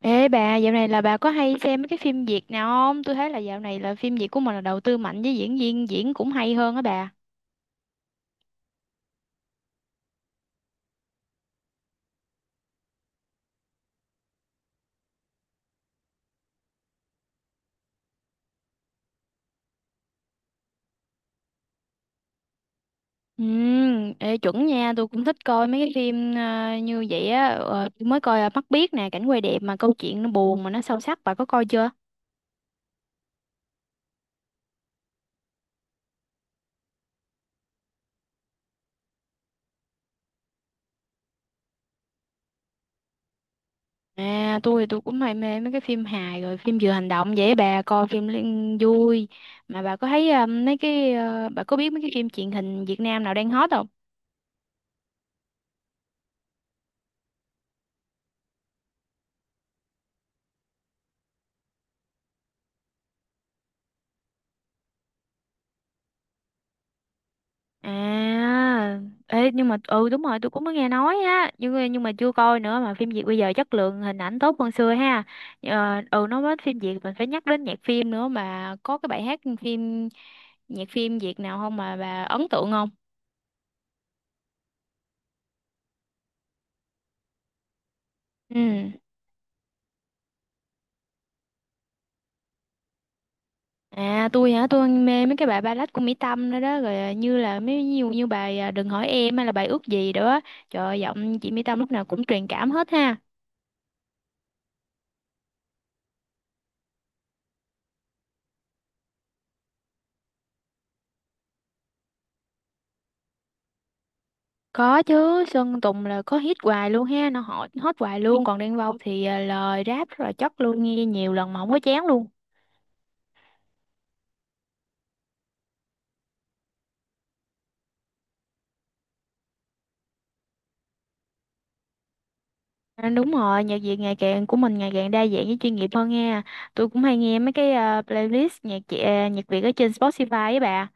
Ê bà, dạo này là bà có hay xem mấy cái phim Việt nào không? Tôi thấy là dạo này là phim Việt của mình là đầu tư mạnh với diễn viên diễn cũng hay hơn á bà. Ừ, ê, chuẩn nha, tôi cũng thích coi mấy cái phim như vậy á. Ờ, tôi mới coi Mắt Biếc nè, cảnh quay đẹp mà câu chuyện nó buồn mà nó sâu sắc, bà có coi chưa? À, tôi thì tôi cũng hay mê mấy cái phim hài rồi phim vừa hành động vậy á bà coi vui. Mà bà có thấy bà có biết mấy cái phim truyền hình Việt Nam nào đang hot không? À, ê, nhưng mà ừ đúng rồi tôi cũng mới nghe nói á nhưng mà chưa coi nữa mà phim Việt bây giờ chất lượng hình ảnh tốt hơn xưa ha. Ờ, ừ nói đến phim Việt mình phải nhắc đến nhạc phim nữa mà có cái bài hát phim nhạc phim Việt nào không mà bà ấn tượng không? Ừ, à, tôi hả, tôi mê mấy cái bài ballad của Mỹ Tâm đó đó rồi à, như là mấy nhiều như bài à, Đừng hỏi em hay là bài Ước gì đó. Trời ơi, giọng chị Mỹ Tâm lúc nào cũng truyền cảm hết ha. Có chứ, Sơn Tùng là có hit hoài luôn ha, nó hot, hot hoài luôn. Còn Đen Vâu thì à, lời rap rất là chất luôn, nghe nhiều lần mà không có chán luôn. À, đúng rồi, nhạc Việt ngày càng của mình ngày càng đa dạng với chuyên nghiệp hơn nha. Tôi cũng hay nghe mấy cái à, playlist nhạc Việt ở trên Spotify ấy bà.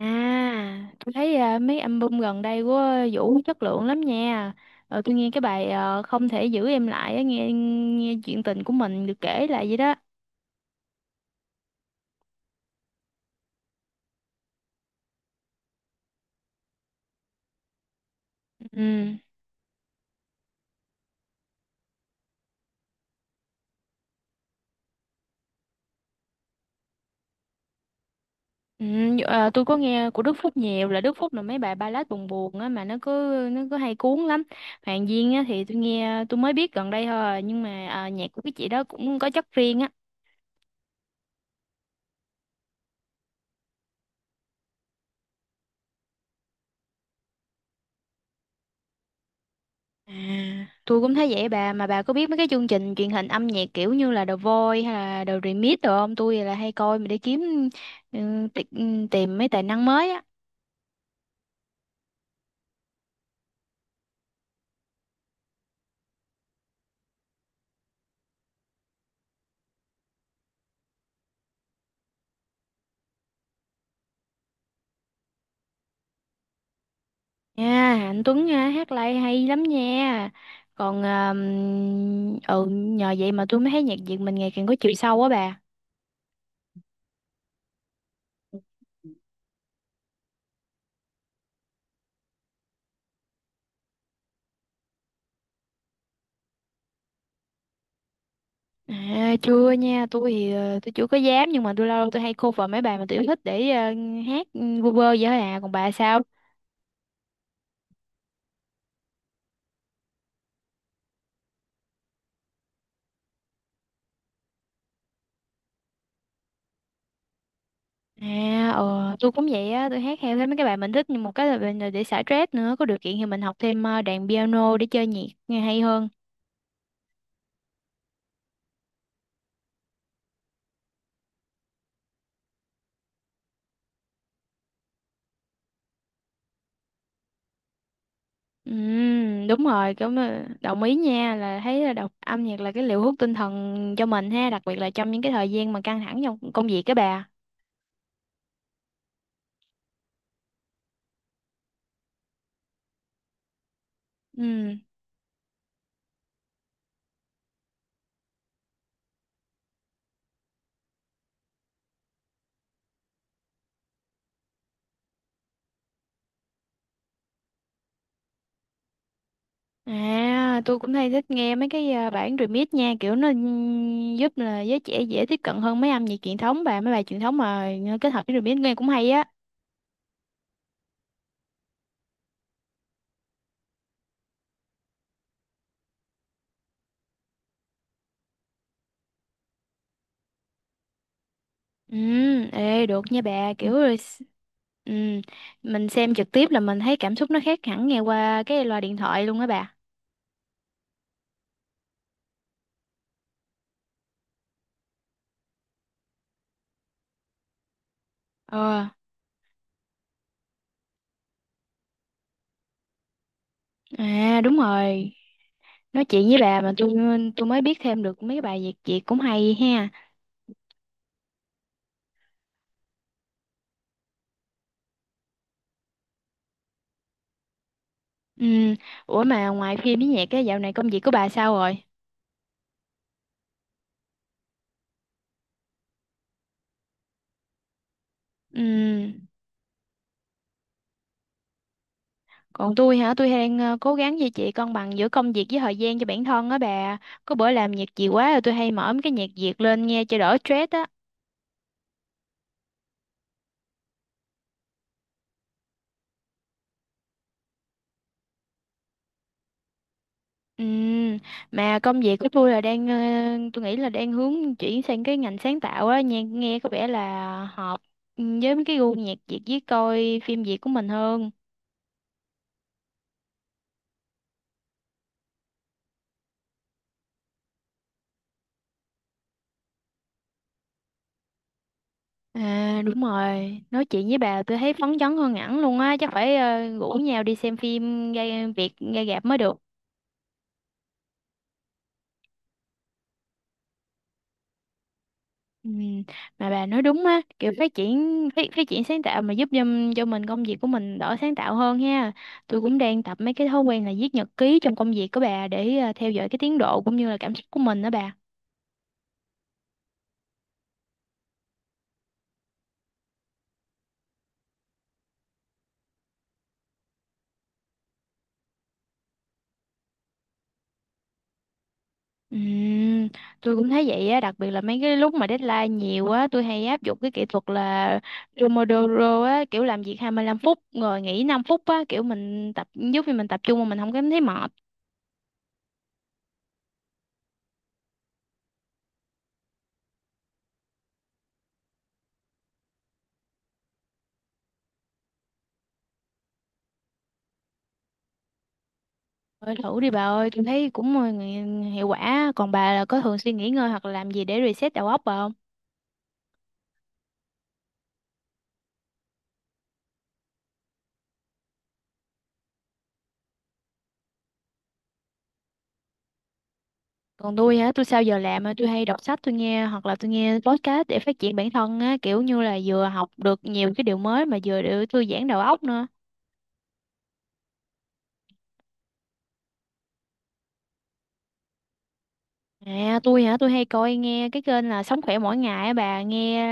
À, tôi thấy à, mấy album gần đây của Vũ chất lượng lắm nha. Ờ, tôi nghe cái bài Không thể giữ em lại á, nghe nghe chuyện tình của mình được kể lại vậy đó. Ừ. Ừ, à, tôi có nghe của Đức Phúc nhiều, là Đức Phúc là mấy bài ballad buồn buồn á mà nó cứ hay cuốn lắm. Hoàng Duyên á thì tôi mới biết gần đây thôi nhưng mà à, nhạc của cái chị đó cũng có chất riêng á. À, tôi cũng thấy vậy bà, mà bà có biết mấy cái chương trình truyền hình âm nhạc kiểu như là The Voice hay là The Remix rồi không, tôi là hay coi mà để kiếm tìm mấy tài năng mới á. Nha Anh Tuấn ha, hát live hay lắm nha. Còn à, ừ nhờ vậy mà tôi mới thấy nhạc Việt mình ngày càng có chiều sâu á bà. À, chưa nha, tôi thì tôi chưa có dám nhưng mà tôi lâu lâu tôi hay cover mấy bài mà tôi yêu thích để hát ừ, vu vơ vậy thôi à, còn bà sao? À, ờ, tôi cũng vậy á, tôi hát theo thấy mấy cái bài mình thích nhưng một cái là mình là để xả stress nữa, có điều kiện thì mình học thêm đàn piano để chơi nhạc nghe hay hơn. Ừ, đúng rồi, cũng ờ, đồng ý nha, là thấy là đọc âm nhạc là cái liều hút tinh thần cho mình ha, đặc biệt là trong những cái thời gian mà căng thẳng trong công việc các bà. Ừ. À, tôi cũng hay thích nghe mấy cái à, bản remix nha, kiểu nó giúp là giới trẻ dễ tiếp cận hơn mấy âm nhạc truyền thống bà, mấy bài truyền thống mà kết hợp với remix nghe cũng hay á. Ừ, ê được nha bà, ừ, mình xem trực tiếp là mình thấy cảm xúc nó khác hẳn nghe qua cái loa điện thoại luôn á bà. Ờ, à đúng rồi. Nói chuyện với bà mà tôi mới biết thêm được mấy cái bài Việt Việt cũng hay ha. Ừ, ủa mà ngoài phim với nhạc cái dạo này công việc của bà sao rồi? Ừ. Còn tôi hả? Tôi đang cố gắng duy trì cân bằng giữa công việc với thời gian cho bản thân á bà. Có bữa làm việc nhiều quá rồi tôi hay mở mấy cái nhạc Việt lên nghe cho đỡ stress á. Ừm, Mà công việc của tôi là đang tôi nghĩ là đang hướng chuyển sang cái ngành sáng tạo á, nghe có vẻ là hợp ừ, với mấy cái gu nhạc Việt với coi phim Việt của mình hơn. À đúng rồi, nói chuyện với bà tôi thấy phấn chấn hơn hẳn luôn á, chắc phải ờ, rủ nhau đi xem phim ra Việt ra rạp mới được. Ừ, mà bà nói đúng á, kiểu phát triển sáng tạo mà giúp cho mình công việc của mình đỡ sáng tạo hơn ha. Tôi cũng đang tập mấy cái thói quen là viết nhật ký trong công việc của bà để à, theo dõi cái tiến độ cũng như là cảm xúc của mình đó bà. Ừm, tôi cũng thấy vậy á, đặc biệt là mấy cái lúc mà deadline nhiều á, tôi hay áp dụng cái kỹ thuật là Pomodoro á, kiểu làm việc 25 phút rồi nghỉ 5 phút á, kiểu mình tập giúp cho mình tập trung mà mình không cảm thấy mệt. Thôi thử đi bà ơi, tôi thấy cũng ờ, hiệu quả. Còn bà là có thường xuyên nghỉ ngơi hoặc là làm gì để reset đầu óc bà không? Còn tôi hả, tôi sau giờ làm á, tôi hay đọc sách tôi nghe hoặc là tôi nghe podcast để phát triển bản thân á, kiểu như là vừa học được nhiều cái điều mới mà vừa để thư giãn đầu óc nữa. À, tôi hả, tôi hay nghe cái kênh là Sống khỏe mỗi ngày á bà, nghe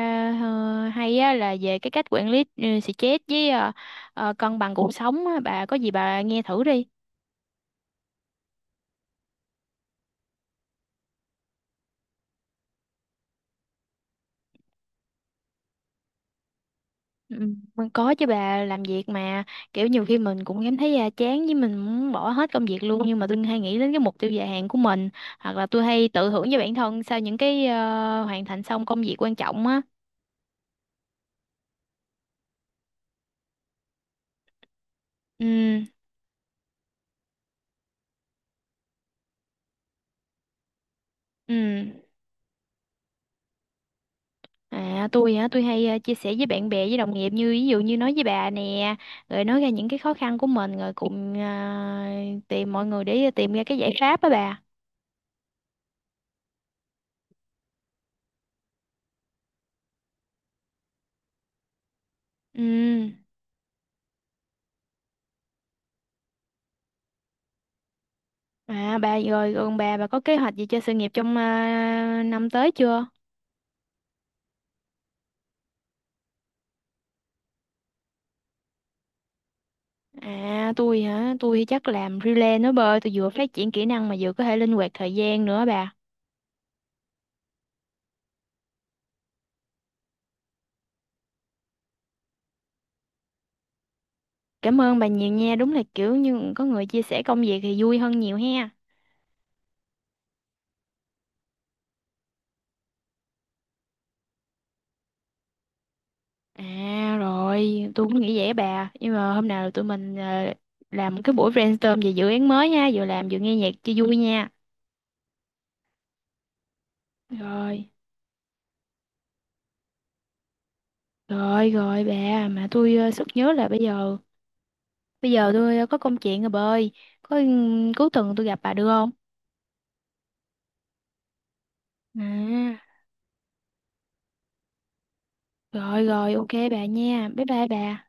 ờ, hay á, là về cái cách quản lý stress với cân bằng cuộc sống á, bà có gì bà nghe thử đi. Ừ, mình có chứ bà, làm việc mà kiểu nhiều khi mình cũng cảm thấy à, chán với mình muốn bỏ hết công việc luôn, nhưng mà tôi hay nghĩ đến cái mục tiêu dài hạn của mình hoặc là tôi hay tự thưởng cho bản thân sau những cái ờ, hoàn thành xong công việc quan trọng á. Ừ, ừ, à, tôi hả, tôi hay chia sẻ với bạn bè với đồng nghiệp, như ví dụ như nói với bà nè, rồi nói ra những cái khó khăn của mình rồi cùng ờ, tìm mọi người để tìm ra cái giải pháp á bà. Ừ. À bà, còn bà có kế hoạch gì cho sự nghiệp trong à, năm tới chưa? À tôi hả? Tôi thì chắc làm freelance nữa bơi. Tôi vừa phát triển kỹ năng mà vừa có thể linh hoạt thời gian nữa bà. Cảm ơn bà nhiều nha. Đúng là kiểu như có người chia sẻ công việc thì vui hơn nhiều ha. À rồi, tôi cũng nghĩ vậy á bà. Nhưng mà hôm nào tụi mình làm cái buổi brainstorm về dự án mới nha. Vừa làm vừa nghe nhạc cho vui nha. Rồi, rồi bà. Mà tôi sực nhớ là bây giờ tôi ờ, có công chuyện rồi bơi. Có ừ, cuối tuần tôi gặp bà được không? À, rồi, ok bà nha. Bye bye bà.